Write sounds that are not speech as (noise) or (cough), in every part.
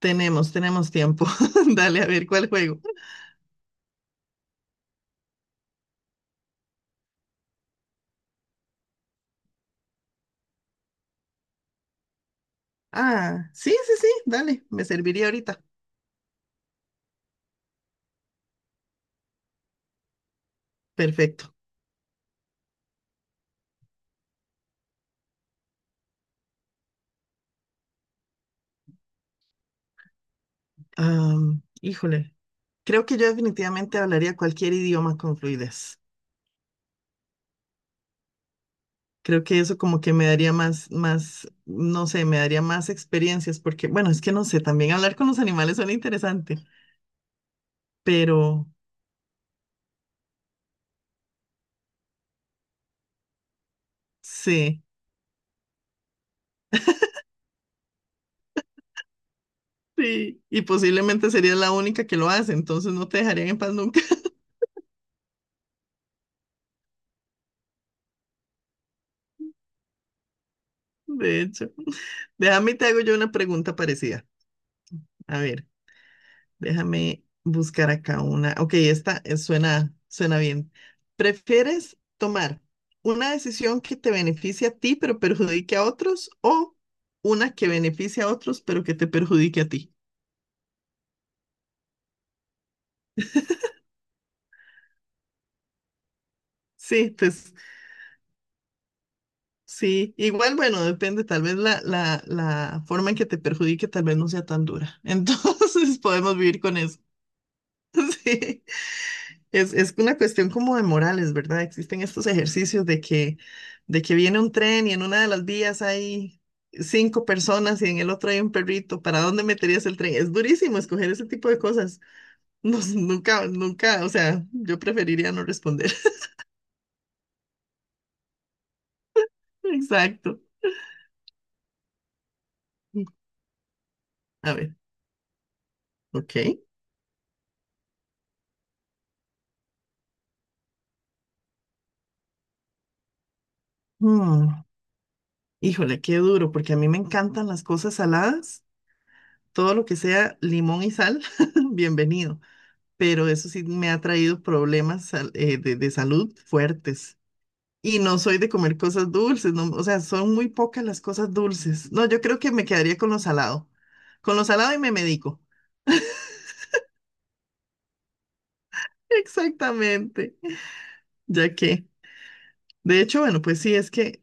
Tenemos tiempo. (laughs) Dale, a ver, ¿cuál juego? Ah, sí, sí, sí, dale, me serviría ahorita. Perfecto. Híjole, creo que yo definitivamente hablaría cualquier idioma con fluidez. Creo que eso como que me daría más, no sé, me daría más experiencias, porque, bueno, es que no sé, también hablar con los animales suena interesante, pero sí, sí, y posiblemente sería la única que lo hace, entonces no te dejarían en paz nunca. (laughs) De hecho. Déjame y te hago yo una pregunta parecida. A ver. Déjame buscar acá una. Ok, esta, suena, suena bien. ¿Prefieres tomar una decisión que te beneficie a ti pero perjudique a otros, o una que beneficie a otros pero que te perjudique a ti? Sí, pues sí. Igual, bueno, depende. Tal vez la forma en que te perjudique tal vez no sea tan dura. Entonces (laughs) podemos vivir con eso. (laughs) Sí. Es una cuestión como de morales, ¿verdad? Existen estos ejercicios de que viene un tren y en una de las vías hay cinco personas y en el otro hay un perrito. ¿Para dónde meterías el tren? Es durísimo escoger ese tipo de cosas. (laughs) No, nunca, nunca, o sea, yo preferiría no responder. (laughs) Exacto. A ver, ok. Mm, híjole, qué duro, porque a mí me encantan las cosas saladas. Todo lo que sea limón y sal, (laughs) bienvenido. Pero eso sí me ha traído problemas de salud fuertes. Y no soy de comer cosas dulces, no, o sea, son muy pocas las cosas dulces. No, yo creo que me quedaría con lo salado. Con lo salado y me medico. (laughs) Exactamente. Ya que, de hecho, bueno, pues sí, es que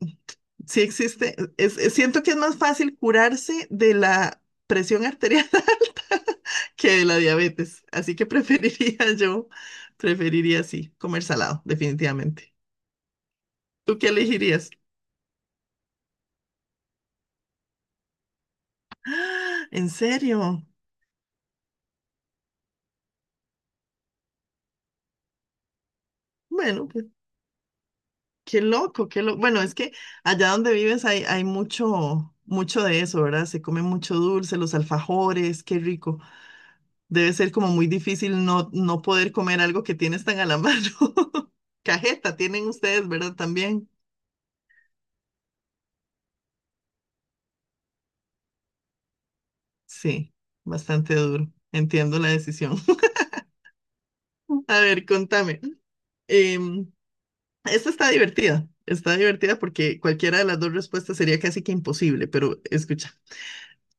sí existe. Siento que es más fácil curarse de la presión arterial (laughs) que de la diabetes. Así que (laughs) preferiría sí, comer salado, definitivamente. ¿Tú qué elegirías? (gasps) ¡Ah! ¿En serio? Bueno, pues qué loco, qué loco. Bueno, es que allá donde vives hay, hay mucho de eso, ¿verdad? Se come mucho dulce, los alfajores, qué rico. Debe ser como muy difícil no, no poder comer algo que tienes tan a la mano. (laughs) Cajeta tienen ustedes, ¿verdad? También. Sí, bastante duro. Entiendo la decisión. (laughs) A ver, contame. Em, Esta está divertida. Está divertida porque cualquiera de las dos respuestas sería casi que imposible, pero escucha.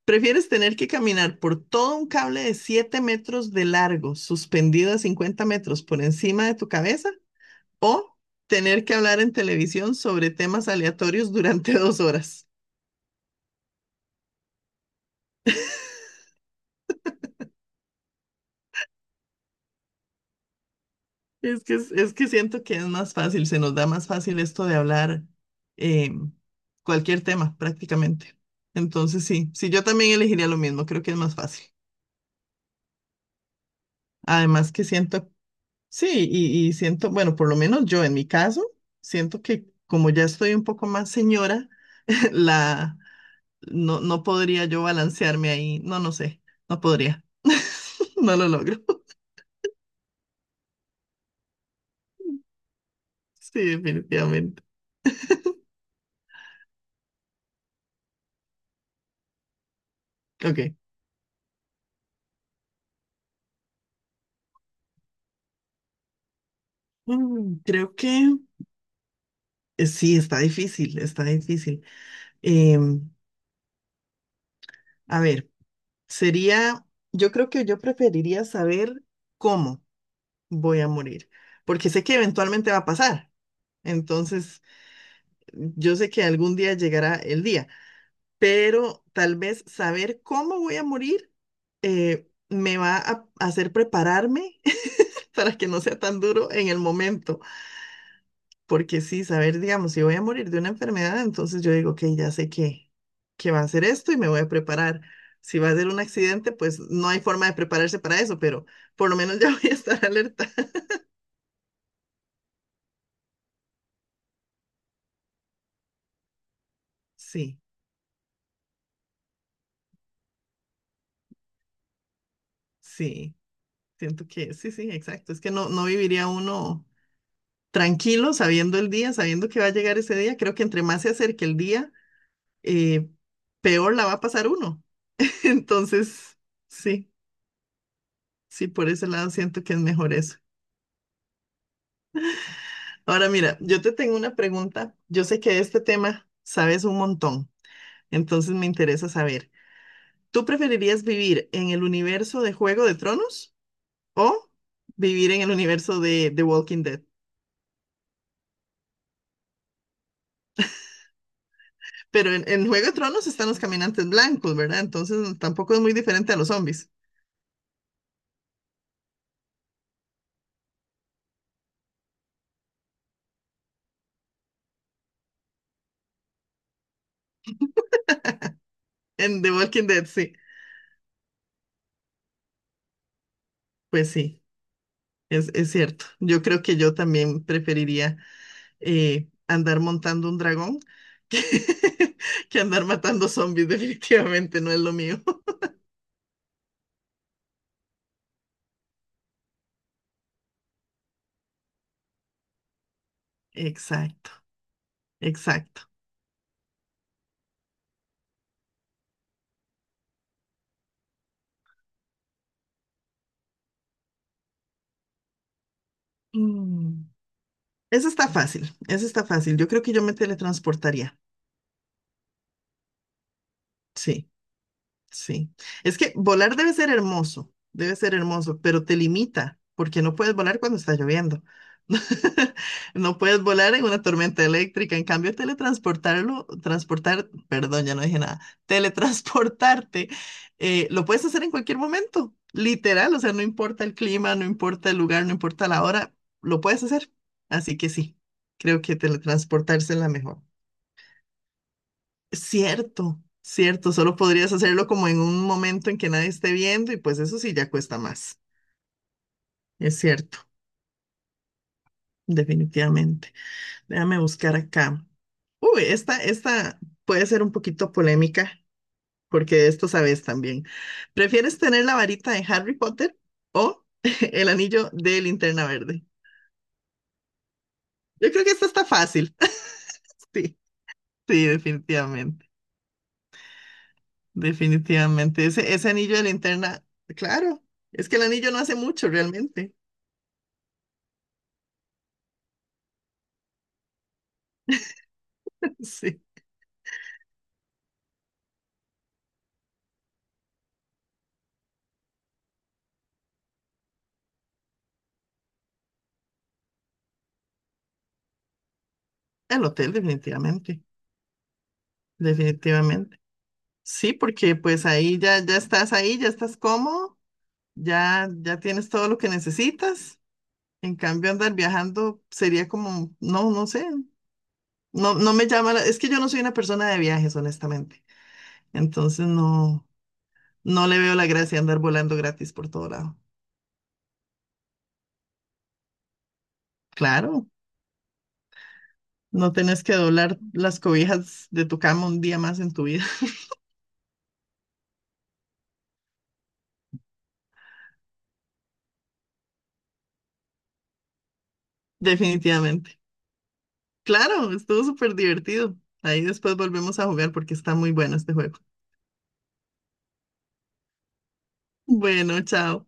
¿Prefieres tener que caminar por todo un cable de 7 metros de largo, suspendido a 50 metros por encima de tu cabeza? ¿O tener que hablar en televisión sobre temas aleatorios durante (laughs) 2 horas? Es que siento que es más fácil, se nos da más fácil esto de hablar eh, cualquier tema prácticamente. Entonces sí, sí, yo también elegiría lo mismo, creo que es más fácil. Además que siento sí, y siento, bueno, por lo menos yo en mi caso, siento que como ya estoy un poco más señora, (laughs) la no, no podría yo balancearme ahí. No, no sé, no podría. (laughs) No lo logro. (laughs) Sí, definitivamente. Ok. Mm, creo que sí, está difícil, está difícil. Em, a ver, sería, yo creo que yo preferiría saber cómo voy a morir, porque sé que eventualmente va a pasar. Entonces, yo sé que algún día llegará el día. Pero tal vez saber cómo voy a morir me va a hacer prepararme (laughs) para que no sea tan duro en el momento, porque sí, saber, digamos, si voy a morir de una enfermedad, entonces yo digo, ok, ya sé que va a ser esto y me voy a preparar. Si va a ser un accidente, pues no hay forma de prepararse para eso, pero por lo menos (laughs) ya voy a estar alerta. Sí, sí, siento que sí, sí, exacto. Es que no, no viviría uno tranquilo sabiendo el día, sabiendo que va a llegar ese día. Creo que entre más se acerque el día, eh, peor la va a pasar uno. (laughs) Entonces, sí, sí, por ese lado siento que es mejor eso. Ahora mira, yo te tengo una pregunta. Yo sé que de este tema sabes un montón, entonces me interesa saber, ¿tú preferirías vivir en el universo de Juego de Tronos o vivir en el universo de The Walking Dead? Pero en Juego de Tronos están los caminantes blancos, ¿verdad? Entonces tampoco es muy diferente a los zombies. En The Walking Dead, sí. Pues sí, es cierto. Yo creo que yo también preferiría andar montando un dragón (laughs) que, que andar matando zombies. Definitivamente no es lo mío. (laughs) Exacto, exacto. Mm. Eso está fácil, eso está fácil. Yo creo que yo me teletransportaría. Sí. Sí, es que volar debe ser hermoso, pero te limita, porque no puedes volar cuando está lloviendo. (laughs) No puedes volar en una tormenta eléctrica. En cambio, perdón, ya no dije nada, (laughs) teletransportarte, lo puedes hacer en cualquier momento, literal, o sea, no importa el clima, no importa el lugar, no importa la hora, lo puedes hacer. Así que sí, creo que teletransportarse es la mejor. Cierto, cierto, solo podrías hacerlo como en un momento en que nadie esté viendo y pues eso sí ya cuesta más. Es cierto, definitivamente. Déjame buscar acá. Uy, esta puede ser un poquito polémica porque de esto sabes también. ¿Prefieres tener la varita de Harry Potter o (laughs) el anillo de Linterna Verde? Yo creo que esta está fácil. (laughs) Sí, sí, definitivamente, definitivamente. Ese anillo de linterna, claro, es que el anillo no hace mucho realmente. (laughs) Sí. El hotel, definitivamente, definitivamente. Sí, porque pues ahí ya, ya estás ahí, ya estás cómodo, ya, ya tienes todo lo que necesitas. En cambio, andar viajando sería como, no, no sé, no, no me llama la- es que yo no soy una persona de viajes, honestamente. Entonces no, no le veo la gracia andar volando gratis por todo lado. Claro, no tenés que doblar las cobijas de tu cama un día más en tu vida, (laughs) definitivamente. Claro, estuvo súper divertido. Ahí después volvemos a jugar porque está muy bueno este juego. Bueno, chao.